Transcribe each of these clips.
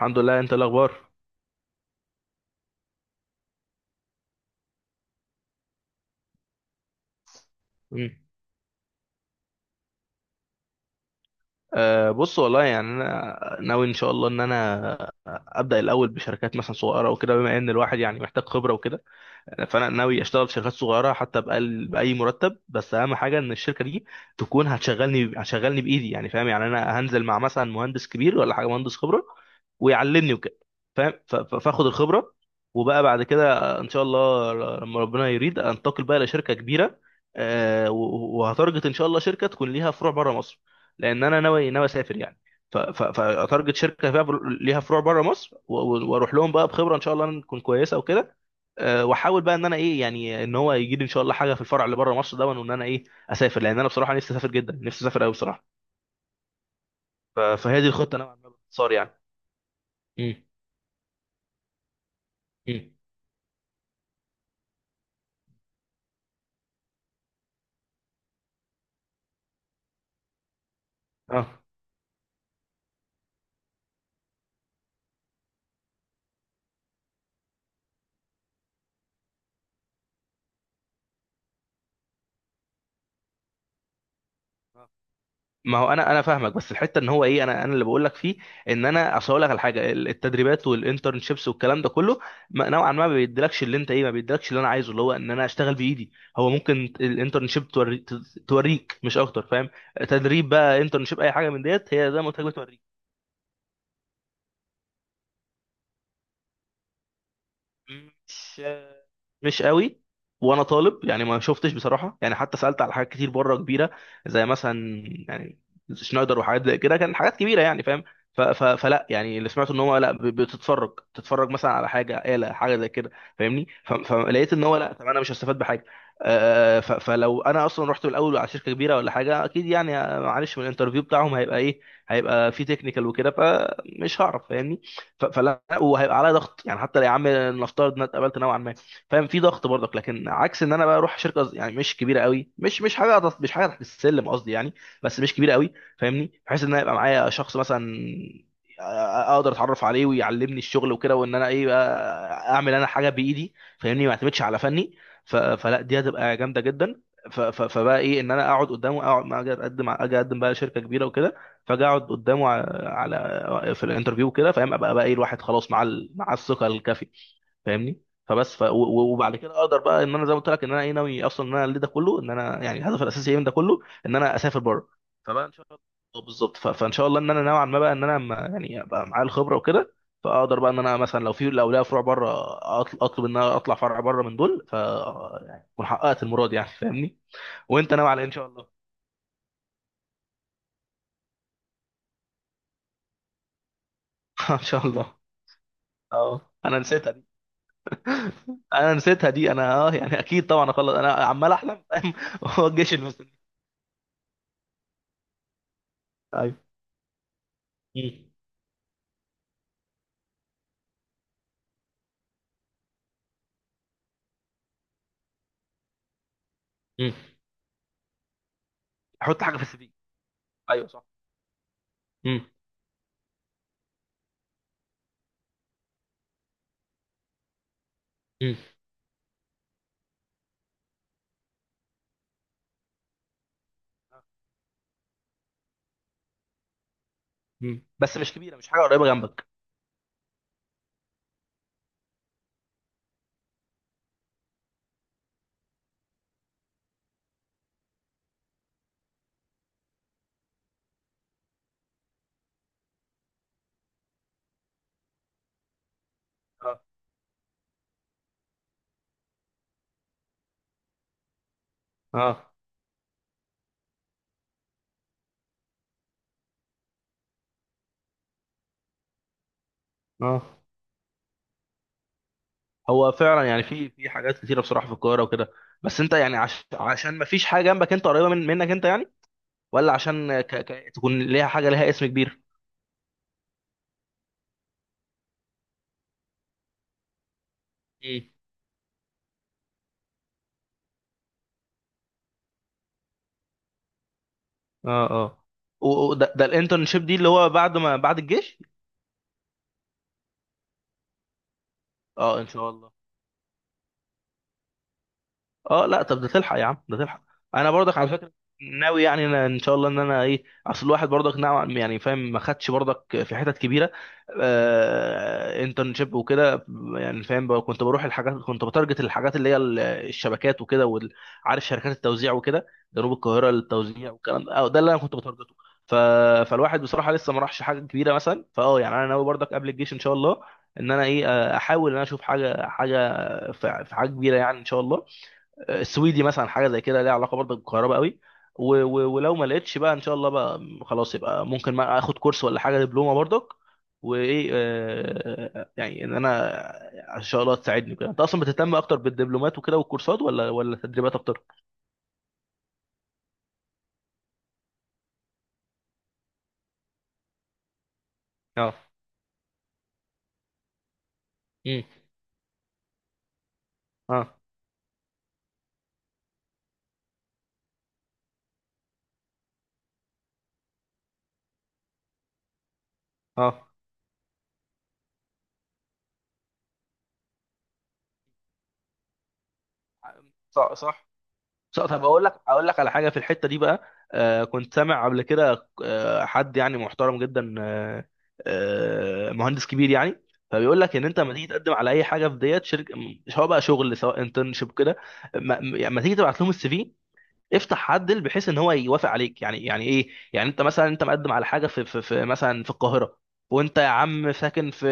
الحمد لله. انت إيه الاخبار؟ مم. أه، بص والله يعني انا ناوي ان شاء الله ان انا ابدا الاول بشركات مثلا صغيره وكده، بما ان الواحد يعني محتاج خبره وكده. فانا ناوي اشتغل في شركات صغيره حتى بأقل باي مرتب، بس اهم حاجه ان الشركه دي تكون هتشغلني بايدي يعني، فاهم يعني انا هنزل مع مثلا مهندس كبير ولا حاجه، مهندس خبره ويعلمني وكده، فاهم. فاخد الخبره، وبقى بعد كده ان شاء الله لما ربنا يريد انتقل بقى لشركه كبيره. وهتارجت ان شاء الله شركه تكون ليها فروع بره مصر، لان انا ناوي اسافر يعني. فاتارجت شركه فيها ليها فروع بره مصر، واروح لهم بقى بخبره ان شاء الله تكون كويسه وكده. واحاول بقى ان انا ايه يعني، ان هو يجي لي ان شاء الله حاجه في الفرع اللي بره مصر ده، وان انا ايه اسافر، لان انا بصراحه نفسي اسافر جدا، نفسي اسافر قوي بصراحه. فهي دي الخطه نوعا ما باختصار يعني. امم. امم. اه. ما هو انا انا فاهمك، بس الحته ان هو ايه، انا اللي بقول لك فيه، ان انا اصل اقول لك على حاجه، التدريبات والانترنشيبس والكلام ده كله، نوعا ما ما بيديلكش اللي انت ايه، ما بيديلكش اللي انا عايزه، اللي هو ان انا اشتغل بايدي. هو ممكن الانترنشيب توريك مش اكتر، فاهم. تدريب بقى، انترنشيب، اي حاجه من ديت هي زي ما قلت لك بتوريك. مش مش قوي. وانا طالب يعني، ما شفتش بصراحه يعني، حتى سالت على حاجات كتير بره كبيره زي مثلا يعني شنايدر وحاجات زي كده، كان حاجات كبيره يعني، فاهم. فلا يعني، اللي سمعته ان هو لا، بتتفرج مثلا على حاجه آلة حاجه زي كده، فاهمني. فلقيت ان هو لا، طب انا مش هستفاد بحاجه. فلو انا اصلا رحت من الاول على شركه كبيره ولا حاجه، اكيد يعني معلش، من الانترفيو بتاعهم هيبقى ايه، هيبقى في تكنيكال وكده، فمش هعرف، فاهمني. فلا، وهيبقى عليا ضغط يعني، حتى لو يا عم نفترض ان أنا اتقبلت نوعا ما، فاهم، في ضغط برضك. لكن عكس ان انا بقى اروح شركه يعني مش كبيره قوي، مش حاجه تحت السلم قصدي يعني، بس مش كبيره قوي، فاهمني. بحيث ان انا يبقى معايا شخص مثلا، أ- اقدر اتعرف عليه ويعلمني الشغل وكده، وان انا ايه بقى، اعمل انا حاجه بايدي، فاهمني، ما اعتمدش على فني. فلا، دي هتبقى جامده جدا. فبقى ايه، ان انا اقعد قدامه، اقعد ما اجي اقدم بقى شركه كبيره وكده، فاجي اقعد قدامه في الانترفيو كده، فاهم، ابقى بقى ايه، الواحد خلاص مع الثقه الكافيه، فاهمني. فبس وبعد كده اقدر بقى ان انا زي ما قلت لك ان انا ايه، ناوي اصلا ان انا اللي ده كله، ان انا يعني الهدف الاساسي إيه من ده كله، ان انا اسافر بره. فبقى ان شاء الله. آه، بالظبط. فان شاء الله ان انا نوعا ما بقى ان انا يعني ابقى معايا الخبره وكده، فاقدر بقى ان انا مثلا لو ليا فروع بره، اطلب ان انا اطلع فرع بره من دول، ف يعني اكون حققت المراد يعني، فاهمني. وانت ناوي على إيه ان شاء الله؟ ان شاء الله. اه، انا نسيتها دي، انا يعني اكيد طبعا اخلص، انا عمال احلم فاهم. هو الجيش اللي مستني. ايوه. مم. مم. احط حاجه في السي في. ايوه، صح. مم. مم. مم. بس مش كبيره، مش حاجه قريبه جنبك. اه. اه. اه. هو فعلا يعني في حاجات كتيره بصراحه في القاهره وكده. بس انت يعني عشان ما فيش حاجه جنبك انت، قريبه منك انت يعني، ولا عشان تكون ليها حاجه ليها اسم كبير؟ مم. اه. اه. وده الانترنشيب دي اللي هو بعد ما بعد الجيش؟ اه، ان شاء الله. اه، لا، طب ده تلحق يا عم، ده تلحق. انا برضك على فكره ناوي يعني أنا ان شاء الله، ان انا ايه، اصل الواحد برضك نوعا يعني، فاهم، ما خدش برضك في حتت كبيره، انترنشيب وكده يعني، فاهم بقى. كنت بروح الحاجات، كنت بتارجت الحاجات اللي هي الشبكات وكده، عارف، شركات التوزيع وكده، جنوب القاهره للتوزيع والكلام ده، أو ده اللي انا كنت بتارجته. ف... فالواحد بصراحه لسه ما راحش حاجه كبيره مثلا، يعني انا ناوي برضك قبل الجيش ان شاء الله ان انا ايه احاول ان انا اشوف حاجه، حاجه في في حاجه كبيره يعني ان شاء الله، السويدي مثلا حاجه زي كده، ليها علاقه برضه بالكهرباء قوي. ولو ما لقيتش بقى ان شاء الله بقى خلاص، يبقى ممكن ما اخد كورس ولا حاجه، دبلومه برضك. وايه يعني ان انا ان شاء الله تساعدني كده، انت اصلا بتهتم اكتر بالدبلومات وكده والكورسات، ولا التدريبات اكتر؟ اه. امم اه. اه. صح. صح. طب اقول لك على حاجه في الحته دي بقى. كنت سامع قبل كده حد يعني محترم جدا، مهندس كبير يعني. فبيقول لك ان انت لما تيجي تقدم على اي حاجه في ديت شركه، سواء بقى شغل سواء انترنشيب كده، يعني لما تيجي تبعت لهم السي في، افتح عدل بحيث ان هو يوافق عليك. يعني ايه، يعني انت مثلا انت مقدم على حاجه في مثلا في القاهره، وانت يا عم ساكن في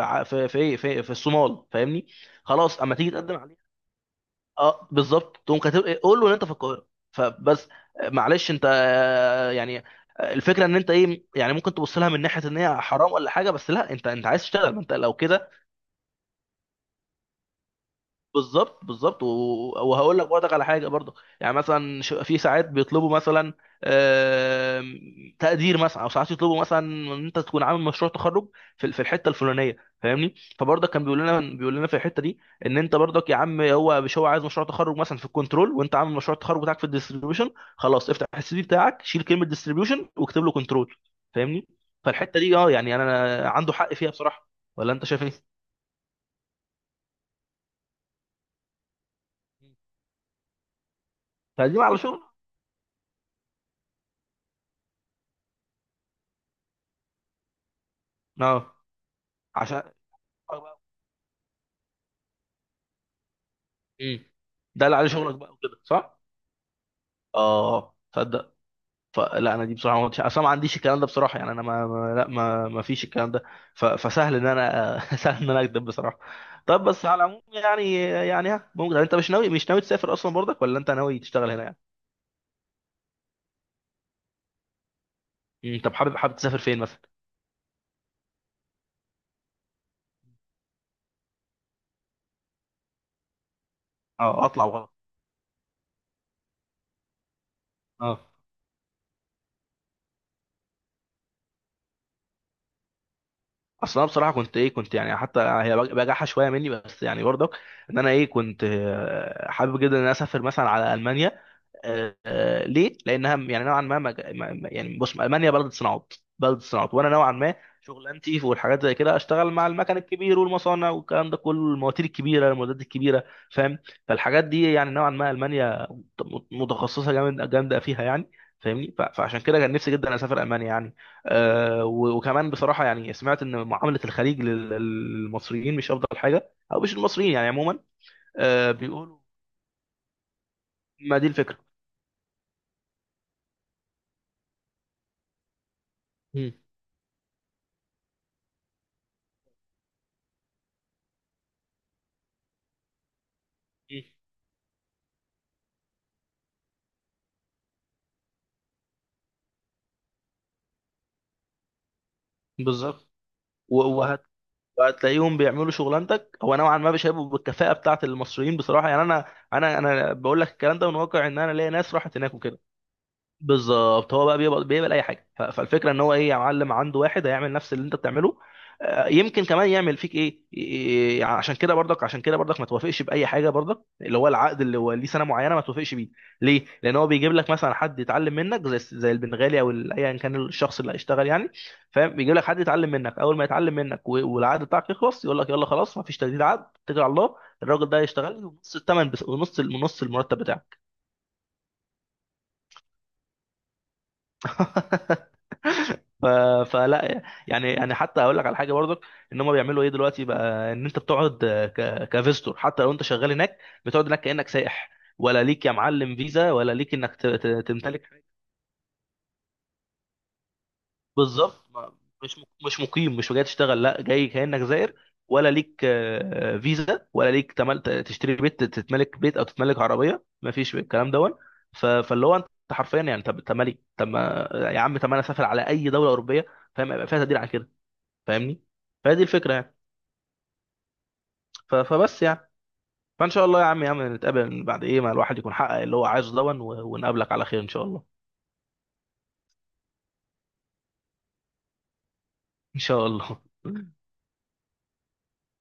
ع- في في ايه في, في الصومال، فاهمني، خلاص، اما تيجي تقدم عليه، اه بالظبط، تقوم كاتب إيه، قول له ان انت في القاهره فبس. معلش انت يعني، الفكره ان انت ايه يعني، ممكن تبص لها من ناحيه ان هي حرام ولا حاجه، بس لا، انت عايز تشتغل، ما انت لو كده. بالظبط، بالظبط. وهقول لك برضك على حاجه برضك. يعني مثلا في ساعات بيطلبوا مثلا تقدير مثلا، او ساعات يطلبوا مثلا ان انت تكون عامل مشروع تخرج في الحته الفلانيه، فاهمني. فبرضك كان بيقول لنا في الحته دي، ان انت برضك يا عم مش هو عايز مشروع تخرج مثلا في الكنترول، وانت عامل مشروع التخرج بتاعك في الديستريبيوشن، خلاص افتح السي في بتاعك، شيل كلمه ديستريبيوشن واكتب له كنترول، فاهمني. فالحته دي اه، يعني انا عنده حق فيها بصراحه، ولا انت شايف ايه؟ تقديم على شغل. اه، عشان. امم ده اللي عليه شغلك بقى وكده، صح؟ اه، تصدق، فلا انا دي بصراحه ما كنتش اصلا، ما عنديش الكلام ده بصراحه يعني. انا ما, ما لا ما ما فيش الكلام ده. فسهل ان انا سهل ان انا اكذب بصراحه. طب بس على العموم يعني ممكن انت مش ناوي تسافر اصلا برضك، ولا انت ناوي تشتغل هنا يعني؟ طب حابب تسافر فين مثلا؟ اه، اطلع وخلاص. اه، اصل انا بصراحه كنت يعني، حتى هي بجاحه شويه مني بس يعني برضك، ان انا ايه كنت حابب جدا ان انا اسافر مثلا على المانيا، ليه؟ لانها يعني نوعا ما، يعني بص، المانيا بلد صناعات، بلد صناعات، وانا نوعا ما شغلانتي والحاجات زي كده، اشتغل مع المكن الكبير والمصانع والكلام ده كله، المواتير الكبيره، المعدات الكبيره، فاهم. فالحاجات دي يعني نوعا ما المانيا متخصصه جامده فيها يعني، فاهمني. فعشان كده كان نفسي جدا اسافر المانيا يعني. وكمان بصراحه يعني، سمعت ان معامله الخليج للمصريين مش افضل حاجه، او مش المصريين يعني عموما. أه، بيقولوا، ما دي الفكره. مم. مم. بالظبط. و- وهت... وهتلاقيهم بيعملوا شغلانتك، هو نوعا ما مش هيبقوا بالكفاءه بتاعه المصريين بصراحه يعني. انا انا بقول لك الكلام ده من واقع ان انا ليا ناس راحت هناك وكده. بالظبط. هو بقى بيقبل اي حاجه. فالفكره ان هو ايه، يا معلم عنده واحد هيعمل نفس اللي انت بتعمله. يمكن كمان يعمل فيك ايه، عشان كده برضك ما توافقش باي حاجه برضك اللي هو العقد، اللي هو ليه سنه معينه ما توافقش بيه، ليه، لان هو بيجيب لك مثلا حد يتعلم منك زي البنغالي، او ايا كان الشخص اللي هيشتغل يعني، فاهم. بيجيب لك حد يتعلم منك، اول ما يتعلم منك والعقد بتاعك يخلص، يقول لك يلا خلاص، ما فيش تجديد عقد، اتكل على الله. الراجل ده هيشتغل لي ونص الثمن بس، ونص نص المرتب بتاعك. ف... فلا يعني حتى اقول لك على حاجه برضك. ان هم بيعملوا ايه دلوقتي بقى، ان انت بتقعد كفيستور حتى لو انت شغال هناك، بتقعد هناك كانك سائح، ولا ليك يا معلم فيزا، ولا ليك انك تمتلك حاجه. بالظبط. مش مقيم، مش جاي تشتغل، لا جاي كانك زائر. ولا ليك فيزا، ولا ليك تشتري بيت، تتملك بيت، او تتملك عربيه، ما فيش الكلام دون. فاللي هو انت حرفيا يعني، طب مالي، طب ما- يا عم طب، ما انا اسافر على اي دوله اوروبيه، فاهم، يبقى فيها تقدير على كده، فاهمني. فهي دي الفكره يعني. فبس يعني. فان شاء الله يا عم، يا عم نتقابل بعد ايه، ما الواحد يكون حقق اللي هو عايزه دون، ونقابلك على خير ان شاء الله. ان شاء الله.